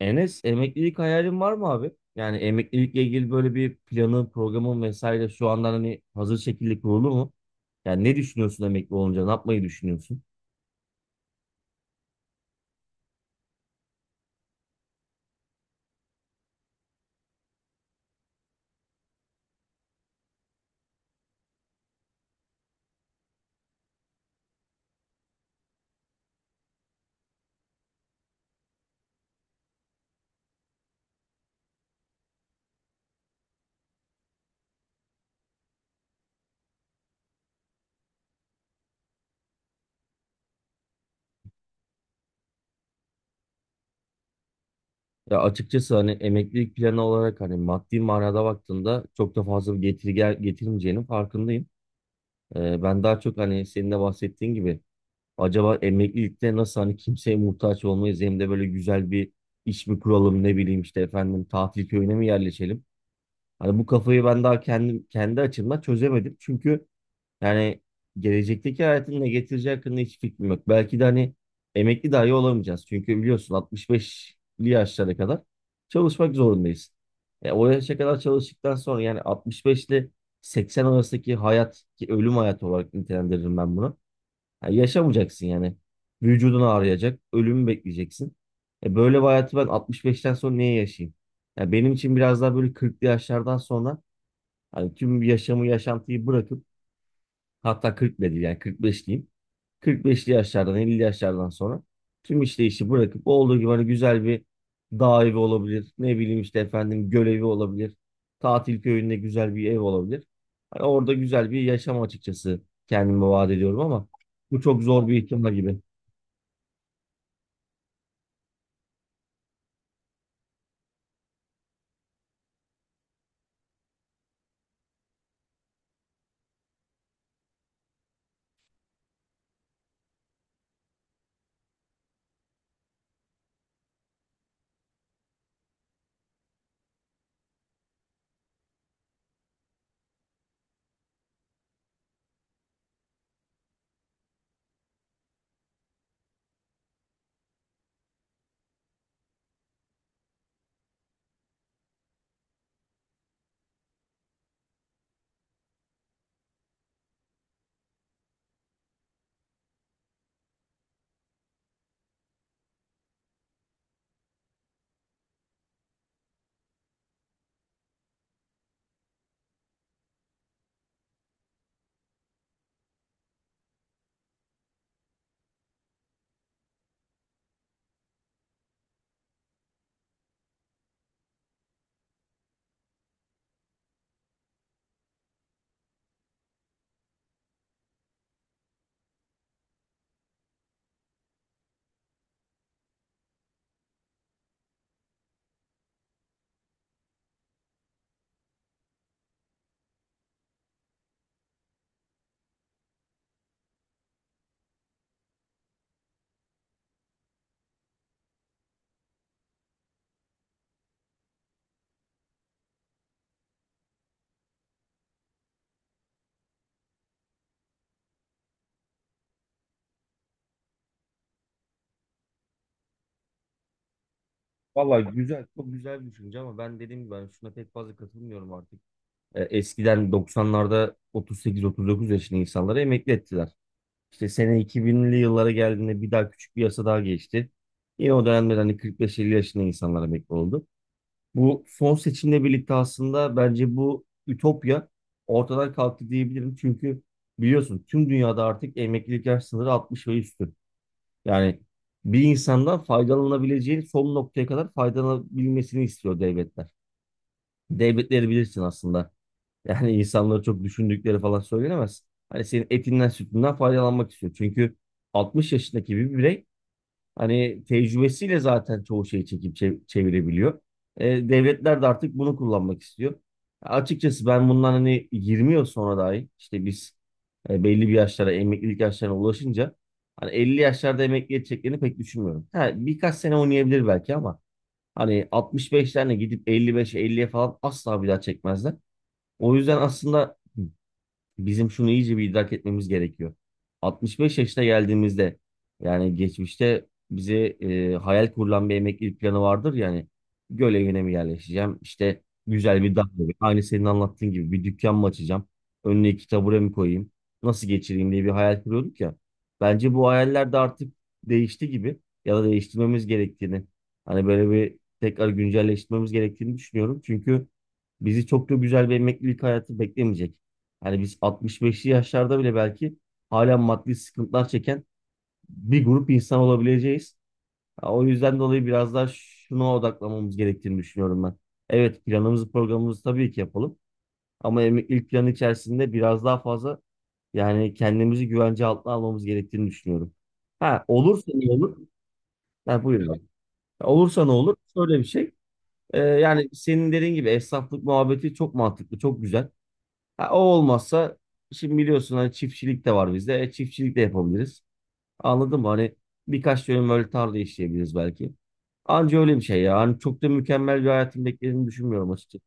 Enes emeklilik hayalin var mı abi? Yani emeklilikle ilgili böyle bir planın, programın vesaire şu andan hani hazır şekilde kurulu mu? Yani ne düşünüyorsun emekli olunca? Ne yapmayı düşünüyorsun? Ya açıkçası hani emeklilik planı olarak hani maddi manada baktığında çok da fazla bir getiri getirmeyeceğinin farkındayım. Ben daha çok hani senin de bahsettiğin gibi acaba emeklilikte nasıl hani kimseye muhtaç olmayız hem de böyle güzel bir iş mi kuralım ne bileyim işte efendim tatil köyüne mi yerleşelim? Hani bu kafayı ben daha kendim kendi açımdan çözemedim. Çünkü yani gelecekteki hayatın ne getireceği hakkında hiç fikrim yok. Belki de hani emekli dahi olamayacağız. Çünkü biliyorsun 65'li yaşlara kadar çalışmak zorundayız. O yaşa kadar çalıştıktan sonra yani 65 ile 80 arasındaki hayat ki ölüm hayatı olarak nitelendiririm ben bunu. Yani yaşamayacaksın yani. Vücudun ağrıyacak, ölümü bekleyeceksin. Böyle bir hayatı ben 65'ten sonra niye yaşayayım? Ya benim için biraz daha böyle 40'lı yaşlardan sonra hani tüm yaşamı, yaşantıyı bırakıp hatta 40 bile değil yani 45 diyeyim. 45'li yaşlardan 50'li yaşlardan sonra tüm işte işi bırakıp olduğu gibi hani güzel bir dağ evi olabilir. Ne bileyim işte efendim göl evi olabilir. Tatil köyünde güzel bir ev olabilir. Hani orada güzel bir yaşam açıkçası kendime vaat ediyorum ama bu çok zor bir ihtimal gibi. Vallahi güzel, çok güzel bir düşünce ama ben dediğim gibi hani şuna pek fazla katılmıyorum artık. Eskiden 90'larda 38-39 yaşında insanları emekli ettiler. İşte sene 2000'li yıllara geldiğinde bir daha küçük bir yasa daha geçti. Yine o dönemde hani 45-50 yaşında insanlar emekli oldu. Bu son seçimle birlikte aslında bence bu ütopya ortadan kalktı diyebilirim. Çünkü biliyorsun tüm dünyada artık emeklilik yaş sınırı 60 ve üstü. Yani bir insandan faydalanabileceği son noktaya kadar faydalanabilmesini istiyor devletler. Devletleri bilirsin aslında. Yani insanları çok düşündükleri falan söylenemez. Hani senin etinden sütünden faydalanmak istiyor. Çünkü 60 yaşındaki bir birey hani tecrübesiyle zaten çoğu şeyi çekip çevirebiliyor. Devletler de artık bunu kullanmak istiyor. Açıkçası ben bundan hani 20 yıl sonra dahi işte biz belli bir yaşlara emeklilik yaşlarına ulaşınca hani 50 yaşlarda emekli edeceklerini pek düşünmüyorum. Ha, birkaç sene oynayabilir belki ama hani 65'lerine gidip 55'e 50'ye falan asla bir daha çekmezler. O yüzden aslında bizim şunu iyice bir idrak etmemiz gerekiyor. 65 yaşına geldiğimizde yani geçmişte bize hayal kurulan bir emeklilik planı vardır yani göl evine mi yerleşeceğim işte güzel bir dağ evi aynı senin anlattığın gibi bir dükkan mı açacağım önüne iki tabure mi koyayım nasıl geçireyim diye bir hayal kuruyorduk ya bence bu hayaller de artık değişti gibi ya da değiştirmemiz gerektiğini hani böyle bir tekrar güncelleştirmemiz gerektiğini düşünüyorum çünkü bizi çok da güzel bir emeklilik hayatı beklemeyecek. Hani biz 65'li yaşlarda bile belki hala maddi sıkıntılar çeken bir grup insan olabileceğiz. Ha, o yüzden dolayı biraz daha şuna odaklamamız gerektiğini düşünüyorum ben. Evet planımızı programımızı tabii ki yapalım. Ama ilk plan içerisinde biraz daha fazla yani kendimizi güvence altına almamız gerektiğini düşünüyorum. Ha olursa ne olur? Ha, buyurun abi. Olursa ne olur? Şöyle bir şey. Yani senin dediğin gibi esnaflık muhabbeti çok mantıklı, çok güzel. Ha, o olmazsa şimdi biliyorsun hani çiftçilik de var bizde. Çiftçilik de yapabiliriz. Anladın mı? Hani birkaç dönüm böyle tarla işleyebiliriz belki. Anca öyle bir şey ya. Hani çok da mükemmel bir hayatın beklediğini düşünmüyorum açıkçası.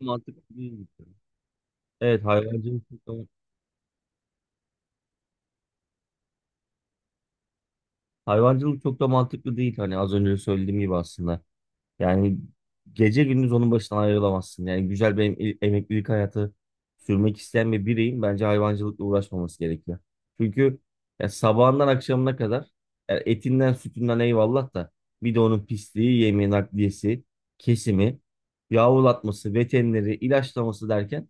Mantıklı değil. Evet hayvancılık çok da, hayvancılık çok da mantıklı değil. Hani az önce söylediğim gibi aslında. Yani gece gündüz onun başından ayrılamazsın. Yani güzel bir emeklilik hayatı sürmek isteyen bir bireyin bence hayvancılıkla uğraşmaması gerekiyor. Çünkü ya sabahından akşamına kadar ya etinden sütünden eyvallah da bir de onun pisliği, yemi, nakliyesi, kesimi, yavrulatması, veterineri, ilaçlaması derken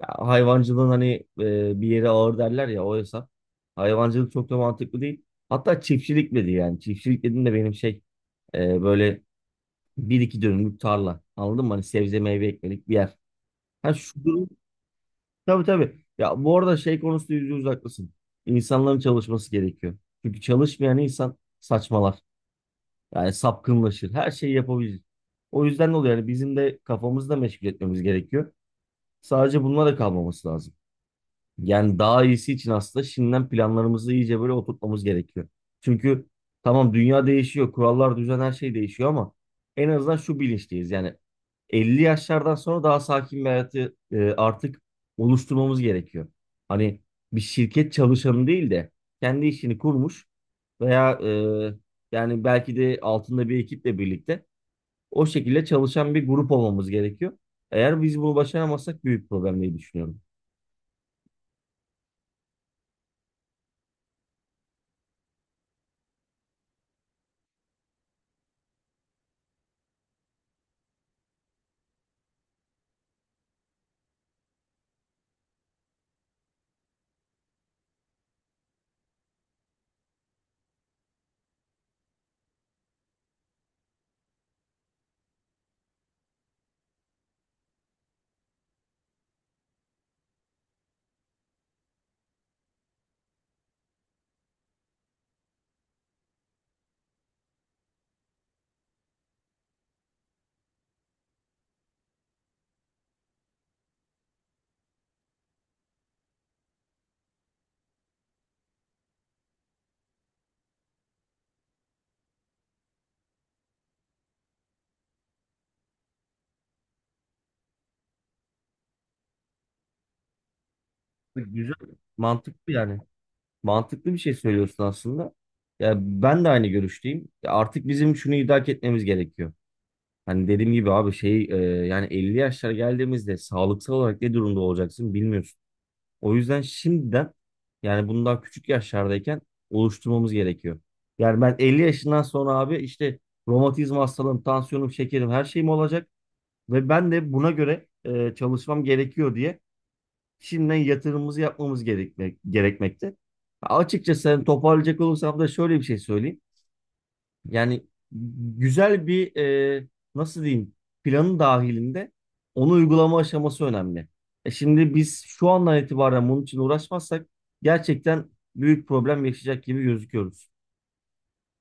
ya hayvancılığın hani bir yere ağır derler ya o hesap. Hayvancılık çok da mantıklı değil. Hatta çiftçilik dedi yani. Çiftçilik dediğim de benim şey böyle bir iki dönümlük tarla. Anladın mı? Hani sebze meyve ekmelik bir yer. Ha şu durum. Tabii tabii. Ya bu arada şey konusunda %100 haklısın. İnsanların çalışması gerekiyor. Çünkü çalışmayan insan saçmalar. Yani sapkınlaşır. Her şeyi yapabilir. O yüzden ne oluyor? Yani bizim de kafamızı da meşgul etmemiz gerekiyor. Sadece bununla da kalmaması lazım. Yani daha iyisi için aslında şimdiden planlarımızı iyice böyle oturtmamız gerekiyor. Çünkü tamam dünya değişiyor, kurallar, düzen her şey değişiyor ama en azından şu bilinçteyiz. Yani 50 yaşlardan sonra daha sakin bir hayatı artık oluşturmamız gerekiyor. Hani bir şirket çalışanı değil de kendi işini kurmuş veya yani belki de altında bir ekiple birlikte o şekilde çalışan bir grup olmamız gerekiyor. Eğer biz bunu başaramazsak büyük problem diye düşünüyorum. Güzel, mantıklı yani. Mantıklı bir şey söylüyorsun aslında. Ya ben de aynı görüşteyim. Ya artık bizim şunu idrak etmemiz gerekiyor. Hani dediğim gibi abi şey yani 50 yaşlara geldiğimizde sağlıksal olarak ne durumda olacaksın bilmiyorsun. O yüzden şimdiden yani bunu daha küçük yaşlardayken oluşturmamız gerekiyor. Yani ben 50 yaşından sonra abi işte romatizma hastalığım, tansiyonum, şekerim her şeyim olacak ve ben de buna göre çalışmam gerekiyor diye şimdiden yatırımımızı yapmamız gerekmekte. Açıkçası hani toparlayacak olursam da şöyle bir şey söyleyeyim. Yani güzel bir nasıl diyeyim planın dahilinde onu uygulama aşaması önemli. E şimdi biz şu andan itibaren bunun için uğraşmazsak gerçekten büyük problem yaşayacak gibi gözüküyoruz.